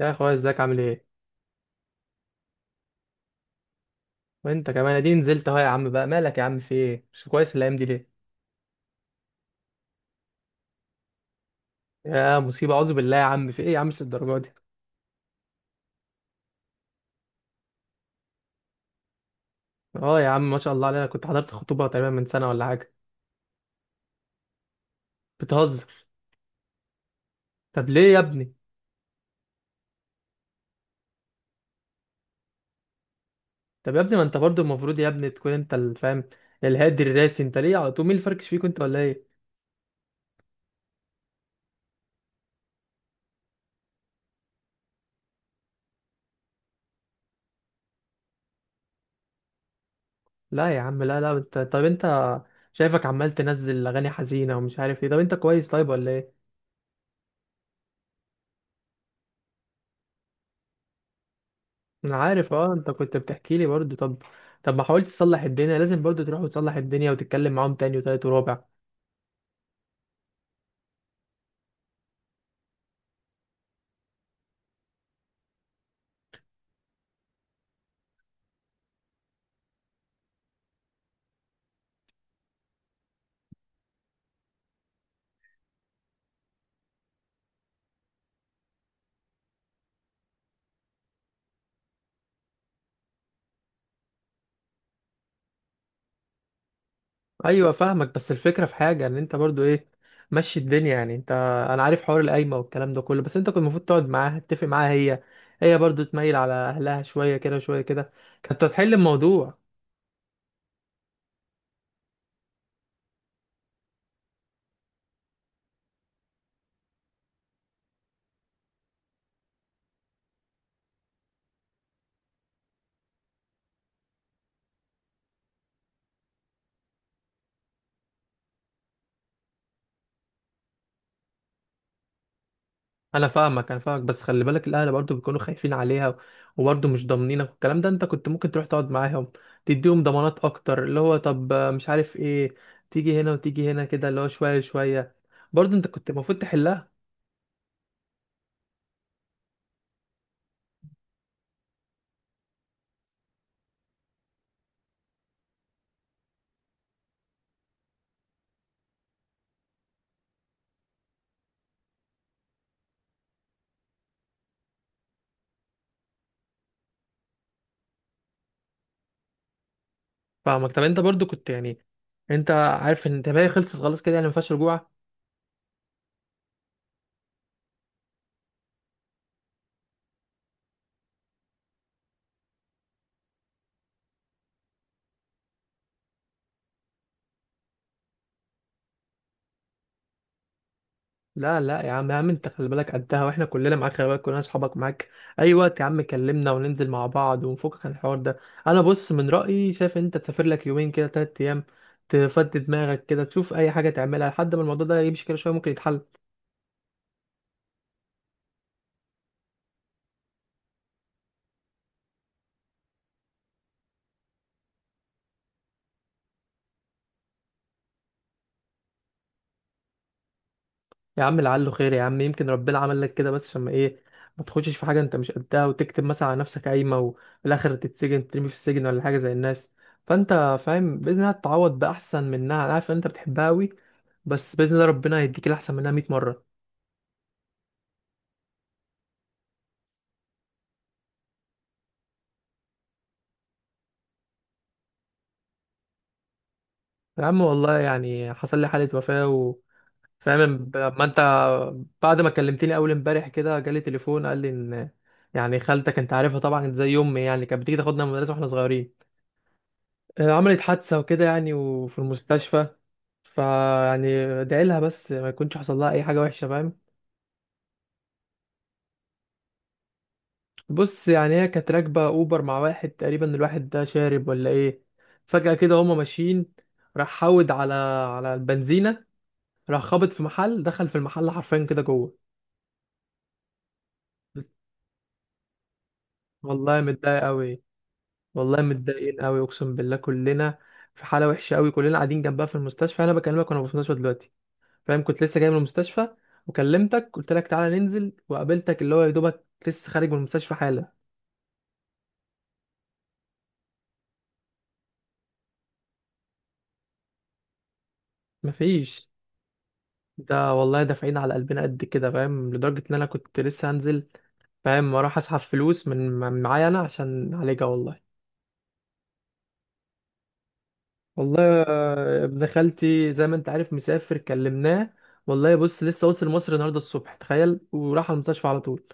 يا اخويا، ازيك؟ عامل ايه؟ وانت كمان اديني نزلت اهو. يا عم بقى مالك؟ يا عم في ايه؟ مش كويس الايام دي ليه؟ يا مصيبه، اعوذ بالله. يا عم في ايه؟ يا عم مش الدرجه دي. اه يا عم، ما شاء الله علينا، كنت حضرت خطوبه تقريبا من سنه ولا حاجه. بتهزر؟ طب ليه يا ابني؟ طب يا ابني، ما انت برضو المفروض يا ابني تكون انت اللي فاهم. الهادي الراسي، انت ليه على طول مين الفركش فيك؟ انت ولا ايه؟ لا يا عم، لا، لا، انت، طب انت شايفك عمال تنزل اغاني حزينه ومش عارف ايه. طب انت كويس طيب ولا ايه؟ انا عارف، اه، انت كنت بتحكي لي برضو. طب، طب ما حاولت تصلح الدنيا؟ لازم برضو تروح وتصلح الدنيا وتتكلم معاهم تاني وتالت ورابع. ايوه فاهمك، بس الفكره في حاجه ان انت برضو ايه، مشي الدنيا يعني. انت، انا عارف حوار القايمه والكلام ده كله، بس انت كنت المفروض تقعد معاها، تتفق معاها هي برضو تميل على اهلها شويه كده شويه كده، كانت هتحل الموضوع. انا فاهمك، انا فاهمك، بس خلي بالك، الاهل برضو بيكونوا خايفين عليها، وبرضو مش ضامنينك والكلام ده. انت كنت ممكن تروح تقعد معاهم، تديهم ضمانات اكتر، اللي هو طب، مش عارف ايه، تيجي هنا وتيجي هنا كده، اللي هو شويه شويه. برضو انت كنت المفروض تحلها. فاهمك. طب انت برضو كنت يعني، انت عارف ان انت باقي خلصت خلاص كده يعني، ما فيهاش رجوع. لا، لا، يا عم، يا عم، انت خلي بالك قدها، واحنا كلنا معاك. خلي بالك، كلنا اصحابك معاك، اي وقت يا عم كلمنا وننزل مع بعض ونفكك عن الحوار ده. انا بص، من رأيي شايف انت تسافر لك يومين كده، تلات ايام، تفضي دماغك كده، تشوف اي حاجة تعملها لحد ما الموضوع ده يمشي كده شوية، ممكن يتحل. يا عم لعله خير، يا عم يمكن ربنا عمل لك كده بس عشان ما ايه، ما تخشش في حاجه انت مش قدها، وتكتب مثلا على نفسك قايمه وفي الاخر تتسجن، ترمي في السجن ولا حاجه زي الناس. فانت فاهم، باذن الله تتعوض باحسن منها. انا عارف ان انت بتحبها قوي، بس باذن الله ربنا هيديك الاحسن منها 100 مره. يا عم والله يعني حصل لي حاله وفاه فاهم لما انت بعد ما كلمتني اول امبارح كده، جالي تليفون قال لي ان يعني خالتك، انت عارفها طبعا زي امي يعني، كانت بتيجي تاخدنا من المدرسه واحنا صغيرين، عملت حادثة وكده يعني، وفي المستشفى. فيعني ادعي لها بس، ما يكونش حصل لها اي حاجه وحشه، فاهم. بص يعني، هي كانت راكبه اوبر مع واحد، تقريبا الواحد ده شارب ولا ايه. فجاه كده هما ماشيين، راح حود على البنزينه، راح خابط في محل، دخل في المحل حرفيا كده جوه. والله متضايق قوي، والله متضايقين قوي، اقسم بالله، كلنا في حاله وحشه قوي. كلنا قاعدين جنبها في المستشفى، انا بكلمك وانا في المستشفى دلوقتي. فاهم، كنت لسه جاي من المستشفى وكلمتك، قلت لك تعالى ننزل وقابلتك، اللي هو يا دوبك لسه خارج من المستشفى حالا. مفيش. ده والله دافعين على قلبنا قد كده فاهم، لدرجة ان انا كنت لسه هنزل، فاهم، اروح اسحب فلوس من معايا انا عشان نعالجها، والله. والله. ابن خالتي زي ما انت عارف مسافر، كلمناه والله. بص، لسه وصل مصر النهارده الصبح تخيل، وراح على المستشفى على طول.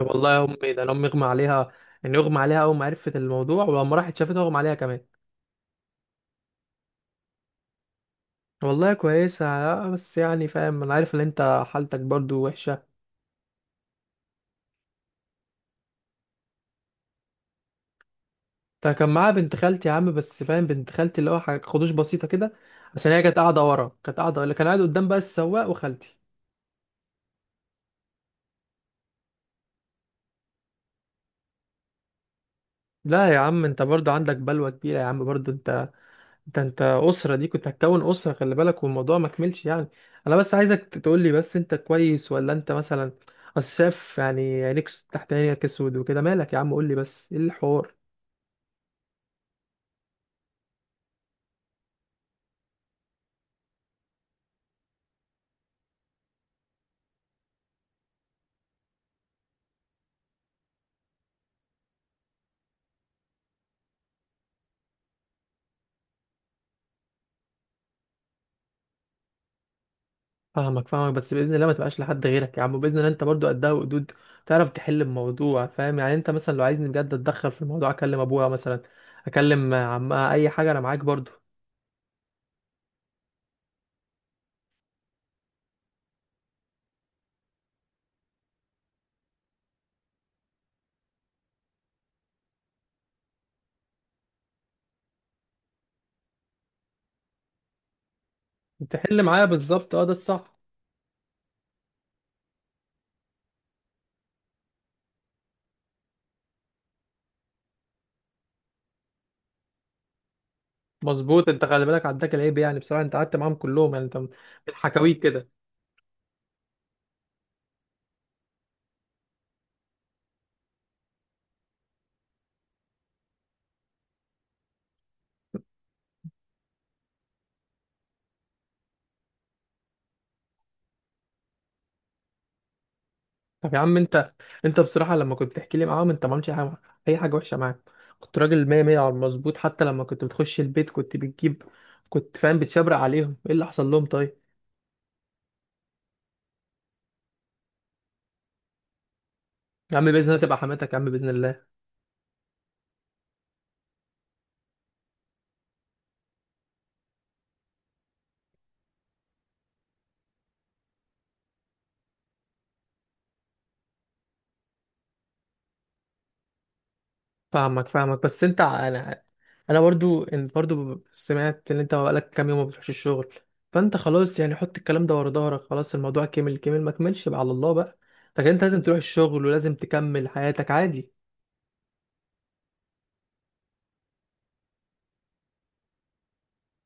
والله يا امي، ده انا امي اغمى عليها، يعني اغمى عليها اول ما عرفت الموضوع، ولما راحت شافتها اغمى عليها كمان. والله كويسة، بس يعني فاهم، انا عارف ان انت حالتك برضو وحشة. ده كان معاه بنت خالتي يا عم، بس فاهم، بنت خالتي اللي هو حاجة خدوش بسيطة كده، عشان هي كانت قاعدة ورا، كانت قاعدة، اللي كان قاعد قدام بقى السواق وخالتي. لا يا عم، انت برضه عندك بلوة كبيرة يا عم، برضه انت، انت أسرة دي كنت هتكون أسرة، خلي بالك، والموضوع ما كملش يعني. انا بس عايزك تقول لي بس انت كويس، ولا انت مثلا، أصل شايف يعني عينيك، تحت عينيك اسود وكده، مالك يا عم؟ قول لي بس ايه الحوار. فاهمك، فاهمك، بس باذن الله ما تبقاش لحد غيرك يا عم، باذن الله. انت برضو قدها وقدود، تعرف تحل الموضوع فاهم. يعني انت مثلا لو عايزني بجد اتدخل في الموضوع، اكلم ابويا مثلا، اكلم عمها، اي حاجه، انا معاك برضو تحل معايا بالظبط. اه ده الصح، مظبوط. انت خلي بالك عداك العيب، يعني بصراحه انت قعدت معاهم كلهم يعني، انت من حكاويك كده، طب يا عم انت بصراحه، لما كنت بتحكي لي معاهم انت ما عملتش اي حاجه وحشه معاك. كنت راجل 100 100 على المظبوط، حتى لما كنت بتخش البيت كنت بتجيب، كنت فاهم، بتشبرق عليهم. ايه اللي حصل لهم؟ طيب. يا عم باذن الله تبقى حماتك، يا عم باذن الله. فاهمك، فاهمك، بس انت، انا، انا برضو، انت برضو سمعت ان انت بقالك كام يوم ما بتروحش الشغل. فانت خلاص يعني، حط الكلام ده ورا ظهرك، خلاص الموضوع كمل كمل، ما كملش بقى على الله بقى. لكن انت لازم تروح الشغل، ولازم تكمل حياتك عادي.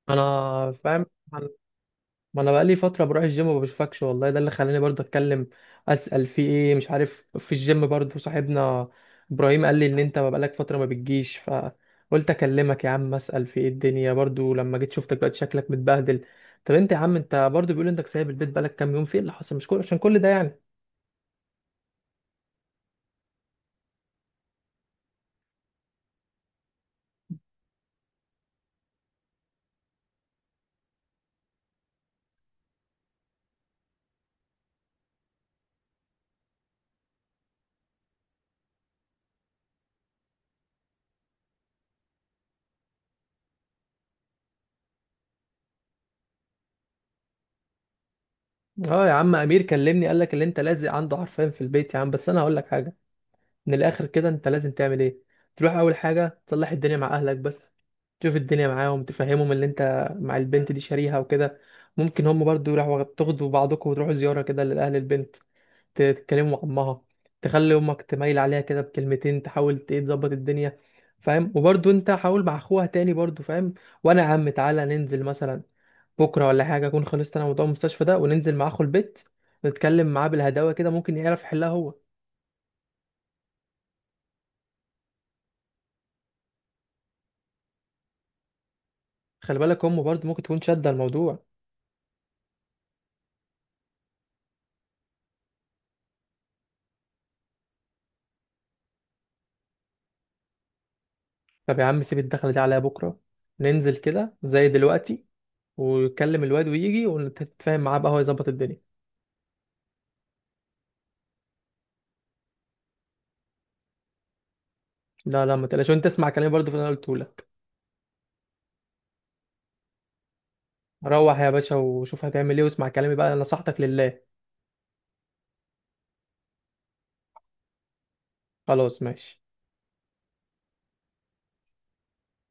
انا فاهم. ما انا بقالي فتره بروح الجيم وما بشوفكش والله، ده اللي خلاني برضه اتكلم اسال في ايه، مش عارف. في الجيم برضه صاحبنا ابراهيم قال لي ان انت ما بقالك فتره ما بتجيش، فقلت اكلمك يا عم اسال في ايه الدنيا. برضه لما جيت شفتك دلوقتي شكلك متبهدل. طب انت يا عم، انت برضه بيقول انك سايب البيت بقالك كام يوم، في ايه اللي حصل؟ مش كل، عشان كل ده يعني. اه يا عم، امير كلمني قال لك اللي انت لازق عنده حرفيا في البيت يا عم. بس انا هقول لك حاجه من الاخر كده، انت لازم تعمل ايه، تروح اول حاجه تصلح الدنيا مع اهلك بس، تشوف الدنيا معاهم، تفهمهم اللي انت مع البنت دي شاريها وكده. ممكن هم برضو يروحوا تاخدوا بعضكم، وتروحوا زياره كده لاهل البنت، تتكلموا مع امها، تخلي امك تميل عليها كده بكلمتين، تحاول ت- ايه تظبط الدنيا، فاهم. وبرضو انت حاول مع اخوها تاني برضو، فاهم. وانا يا عم تعالى ننزل مثلا بكره ولا حاجه، اكون خلصت انا موضوع المستشفى ده، وننزل مع اخو البيت، نتكلم معاه بالهداوه كده، ممكن يعرف يحلها هو. خلي بالك امه برضه ممكن تكون شادة الموضوع. طب يا عم سيب الدخلة دي عليا، بكرة ننزل كده زي دلوقتي ويكلم الواد ويجي، ونتفاهم معاه بقى هو يظبط الدنيا. لا لا، ما تقلقش، وانت اسمع كلامي برضه في اللي انا قلته لك. روح يا باشا وشوف هتعمل ايه، واسمع كلامي بقى، نصيحتك لله. خلاص ماشي.